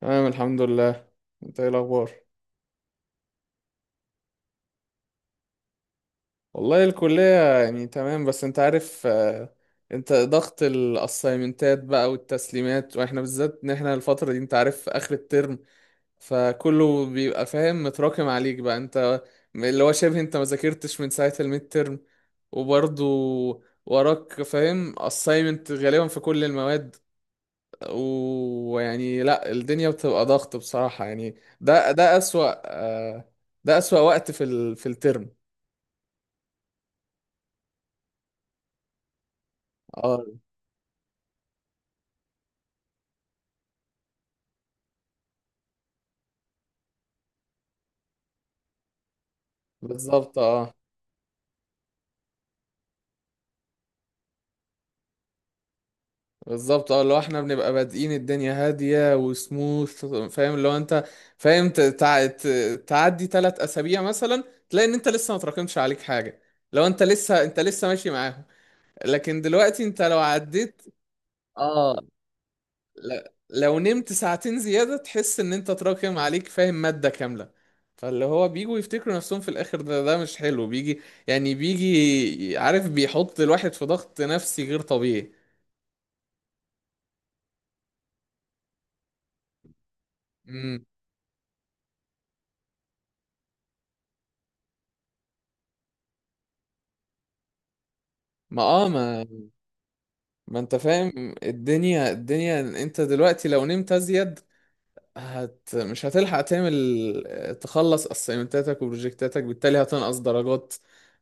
تمام، الحمد لله. انت ايه الاخبار؟ والله الكلية يعني تمام، بس انت عارف انت ضغط الاسايمنتات بقى والتسليمات، واحنا بالذات ان احنا الفترة دي انت عارف اخر الترم، فكله بيبقى فاهم متراكم عليك بقى انت، اللي هو شبه انت ما ذاكرتش من ساعة الميد ترم. وبرضه وراك فاهم اسايمنت غالبا في كل المواد، ويعني لا، الدنيا بتبقى ضغط بصراحة يعني. ده أسوأ. ده أسوأ وقت في الترم. اه بالظبط، اه بالظبط. اه لو احنا بنبقى بادئين الدنيا هادية وسموث، فاهم اللي هو انت فاهم تعدي ثلاث اسابيع مثلا، تلاقي ان انت لسه ما تراكمش عليك حاجة، لو انت لسه، انت لسه ماشي معاهم. لكن دلوقتي انت لو عديت، اه، ل- لو نمت ساعتين زيادة تحس ان انت تراكم عليك فاهم مادة كاملة. فاللي هو بيجوا يفتكروا نفسهم في الاخر، ده مش حلو، بيجي يعني بيجي عارف بيحط الواحد في ضغط نفسي غير طبيعي. امم ما انت فاهم، الدنيا انت دلوقتي لو نمت ازيد، مش هتلحق تعمل، تخلص اسايمنتاتك وبروجكتاتك، بالتالي هتنقص درجات،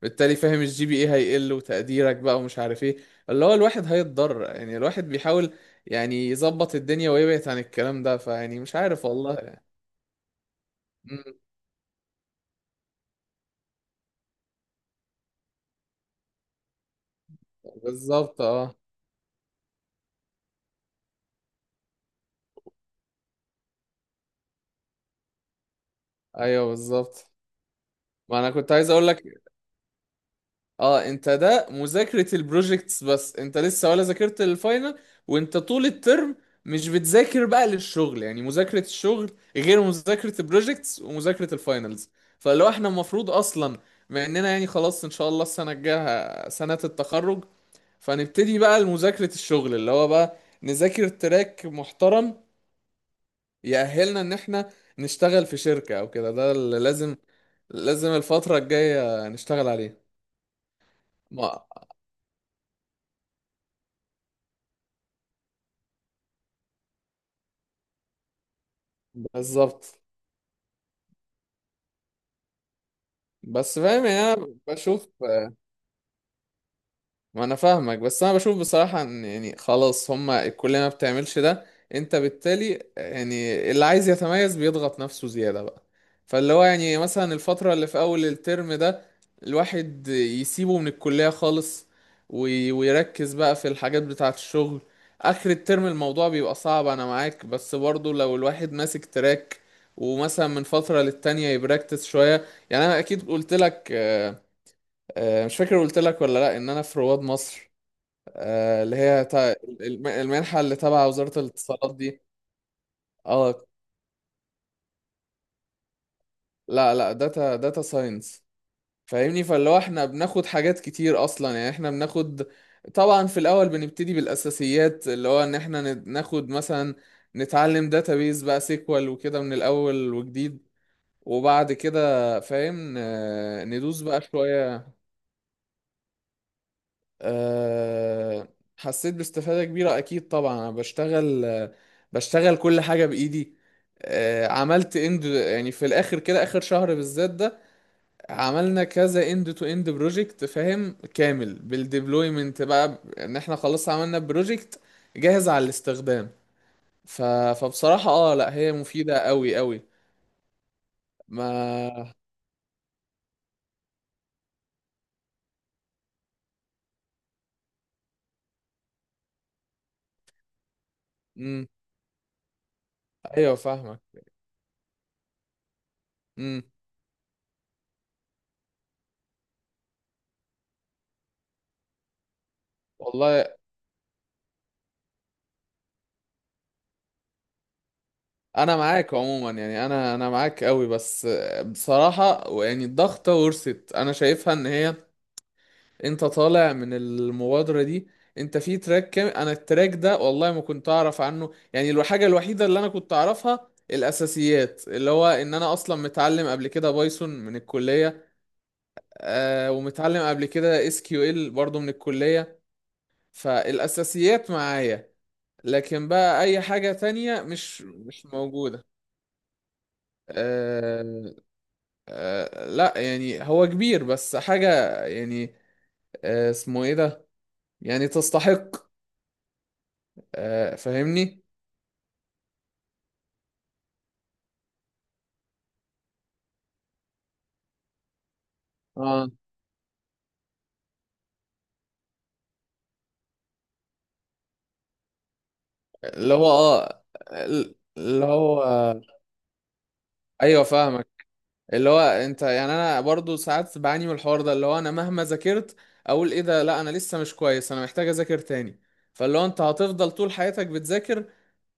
بالتالي فاهم الجي بي اي هيقل وتقديرك بقى ومش عارف ايه. اللي هو الواحد هيتضرر يعني، الواحد بيحاول يعني يظبط الدنيا ويبعد عن الكلام ده، فيعني مش عارف والله. مم، بالظبط اه. ايوه بالظبط، ما انا كنت عايز اقول لك، اه انت ده مذاكرة البروجكتس، بس انت لسه ولا ذاكرت الفاينل، وانت طول الترم مش بتذاكر بقى للشغل، يعني مذاكرة الشغل غير مذاكرة البروجكتس ومذاكرة الفاينلز. فلو احنا المفروض اصلا، مع اننا يعني خلاص ان شاء الله السنة الجاية سنة التخرج، فنبتدي بقى لمذاكرة الشغل، اللي هو بقى نذاكر تراك محترم يأهلنا ان احنا نشتغل في شركة او كده، ده اللي لازم. لازم الفترة الجاية نشتغل عليه. ما بالظبط، بس فاهم يعني انا بشوف، ما انا فاهمك، بس انا بشوف بصراحة ان يعني خلاص هما الكلية ما بتعملش ده، انت بالتالي يعني اللي عايز يتميز بيضغط نفسه زيادة بقى. فاللي هو يعني مثلا الفترة اللي في اول الترم ده الواحد يسيبه من الكلية خالص، ويركز بقى في الحاجات بتاعة الشغل. اخر الترم الموضوع بيبقى صعب، انا معاك، بس برضه لو الواحد ماسك تراك ومثلا من فترة للتانية يبراكتس شوية، يعني انا اكيد قلت لك مش فاكر قلت لك ولا لا، ان انا في رواد مصر، اللي هي المنحه اللي تبع وزاره الاتصالات دي. اه لا لا، داتا، داتا ساينس فاهمني. فاللي هو احنا بناخد حاجات كتير اصلا، يعني احنا بناخد طبعا في الاول بنبتدي بالاساسيات، اللي هو ان احنا ناخد مثلا نتعلم داتابيز بقى، سيكوال وكده من الاول وجديد، وبعد كده فاهم ندوس بقى شويه. أه حسيت باستفادة كبيرة أكيد، طبعا أنا بشتغل، بشتغل كل حاجة بإيدي. أه عملت اند، يعني في الآخر كده، آخر شهر بالذات ده عملنا كذا اند تو اند بروجكت، فاهم كامل بالديبلويمنت بقى، إن إحنا خلاص عملنا بروجكت جاهز على الاستخدام. ف... فبصراحة اه لا، هي مفيدة أوي أوي. ما مم. أيوه فاهمك. مم. والله انا معاك عموما، يعني انا معاك قوي، بس بصراحة يعني الضغطة ورثت، انا شايفها ان هي، انت طالع من المبادرة دي، انت في تراك كام؟ انا التراك ده والله ما كنت اعرف عنه، يعني الحاجة الوحيدة اللي انا كنت اعرفها الاساسيات، اللي هو ان انا اصلا متعلم قبل كده بايثون من الكلية، آه، ومتعلم قبل كده اس كيو ال برضه من الكلية. فالاساسيات معايا، لكن بقى اي حاجة تانية مش، مش موجودة. آه، لا يعني هو كبير، بس حاجة يعني، اسمه ايه ده، يعني تستحق، فاهمني. اه اللي هو، اه اللي هو، ايوه فاهمك. اللي هو انت يعني انا برضو ساعات بعاني من الحوار ده، اللي هو انا مهما ذاكرت اقول ايه ده، لا انا لسه مش كويس، انا محتاج اذاكر تاني. فاللي هو انت هتفضل طول حياتك بتذاكر،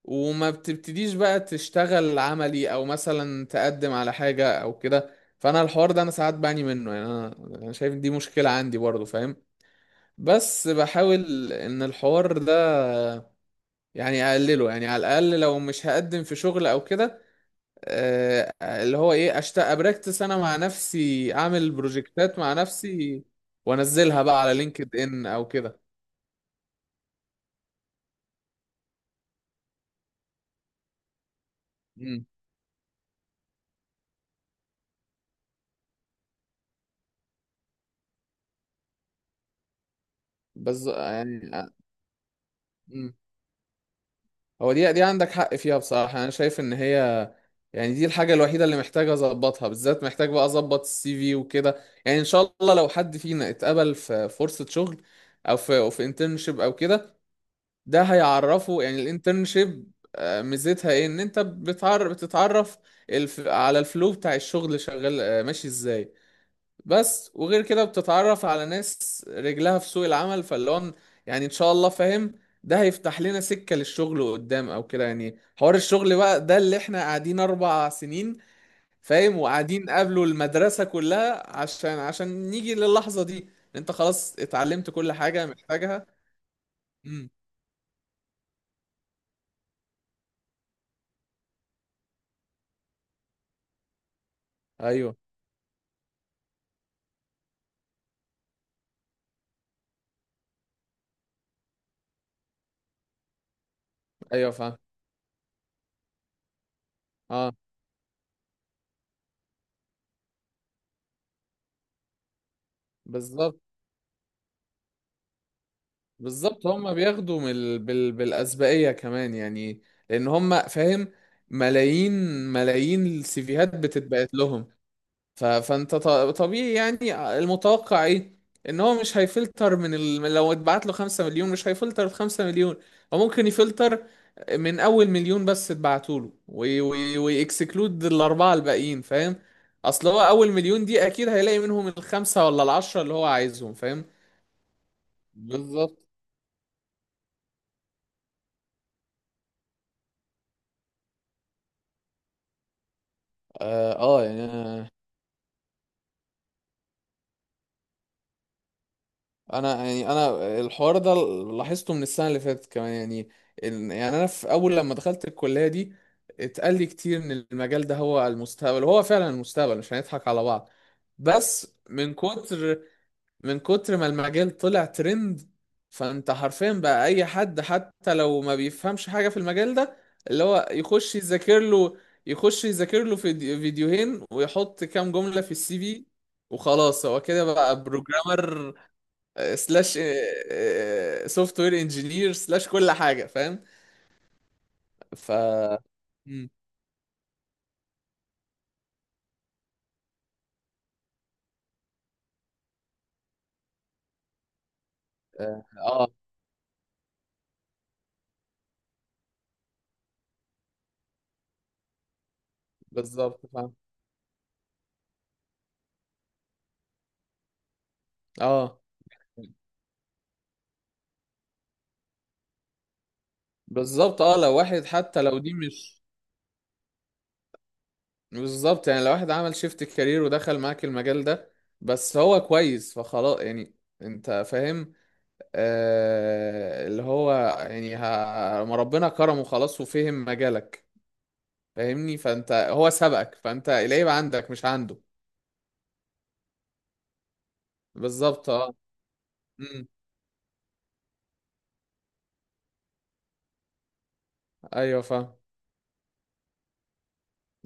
وما بتبتديش بقى تشتغل عملي او مثلا تقدم على حاجة او كده. فانا الحوار ده انا ساعات بعاني منه يعني، انا شايف إن دي مشكلة عندي برضو فاهم. بس بحاول ان الحوار ده يعني اقلله، يعني على الاقل لو مش هقدم في شغل او كده، اللي هو ايه، اشتاق ابراكتس انا مع نفسي، اعمل بروجكتات مع نفسي وانزلها بقى على لينكد ان او كده. مم. بس يعني مم. هو دي عندك حق فيها بصراحة، انا شايف ان هي يعني دي الحاجة الوحيدة اللي محتاج اظبطها، بالذات محتاج بقى اظبط السي في وكده. يعني ان شاء الله لو حد فينا اتقبل في فرصة شغل او في، او في انترنشيب او كده، ده هيعرفه. يعني الانترنشيب ميزتها ايه ان انت بتعرف، بتتعرف على الفلو بتاع الشغل شغال ماشي ازاي، بس وغير كده بتتعرف على ناس رجلها في سوق العمل. فاللي هو يعني ان شاء الله فاهم، ده هيفتح لنا سكة للشغل قدام او كده، يعني حوار الشغل بقى ده اللي احنا قاعدين اربع سنين فاهم وقاعدين قابلوا المدرسة كلها عشان نيجي للحظة دي. انت خلاص اتعلمت كل حاجة محتاجها. امم ايوه، ايوه فاهم. اه بالظبط. بالظبط، هم بياخدوا بالأسبقية كمان يعني، لأن هم فاهم، ملايين، ملايين السيفيهات بتتبعت لهم. فانت طبيعي يعني، المتوقع ايه، ان هو مش هيفلتر لو اتبعت له 5 مليون مش هيفلتر في 5 مليون، هو ممكن يفلتر من اول مليون بس، اتبعتوا له ويكسكلود الاربعه الباقيين فاهم، اصل هو اول مليون دي اكيد هيلاقي منهم الخمسه ولا العشره اللي هو عايزهم فاهم. بالظبط اه، يعني انا، يعني انا الحوار ده لاحظته من السنه اللي فاتت كمان يعني، ال- يعني انا في اول لما دخلت الكليه دي اتقال لي كتير ان المجال ده هو المستقبل، وهو فعلا المستقبل مش هنضحك على بعض. بس من كتر، من كتر ما المجال طلع ترند، فانت حرفيا بقى اي حد حتى لو ما بيفهمش حاجه في المجال ده اللي هو يخش يذاكر له، يخش يذاكر له فيديوهين ويحط كام جمله في السي في، وخلاص هو كده بقى بروجرامر، سلاش، سوفت وير انجينير، سلاش كل حاجه فاهم. ف مم. اه بالظبط فاهم. اه بالظبط. اه لو واحد حتى لو دي مش، بالظبط يعني لو واحد عمل شيفت كارير ودخل معاك المجال ده، بس هو كويس فخلاص يعني، انت فاهم، آه اللي هو يعني، ما ربنا كرمه خلاص وفهم مجالك فاهمني، فانت هو سبقك، فانت العيب عندك مش عنده. بالظبط اه. مم. ايوه فاهم.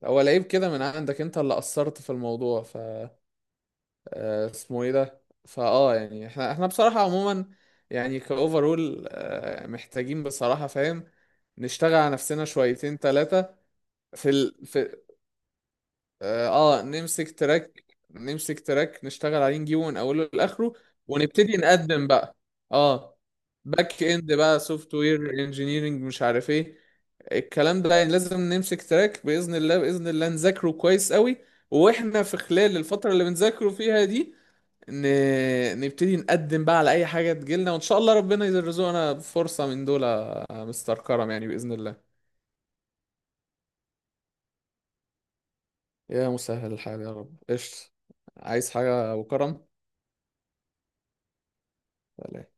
هو العيب كده من عندك، انت اللي قصرت في الموضوع. اسمه ايه ده، فاه يعني احنا، احنا بصراحة عموما يعني كاوفرول، محتاجين بصراحة فاهم نشتغل على نفسنا شويتين ثلاثة في ال... في اه، نمسك تراك، نمسك تراك، نشتغل عليه نجيبه من اوله لاخره ونبتدي نقدم بقى. اه باك اند بقى، سوفت وير انجينيرنج، مش عارف ايه الكلام ده، يعني لازم نمسك تراك باذن الله، باذن الله نذاكره كويس قوي. واحنا في خلال الفتره اللي بنذاكره فيها دي ن... نبتدي نقدم بقى على اي حاجه تجيلنا، وان شاء الله ربنا يرزقنا بفرصه من دول يا مستر كرم، يعني باذن الله. يا مسهل الحال يا رب، قشطة، عايز حاجه ابو كرم؟ سلام.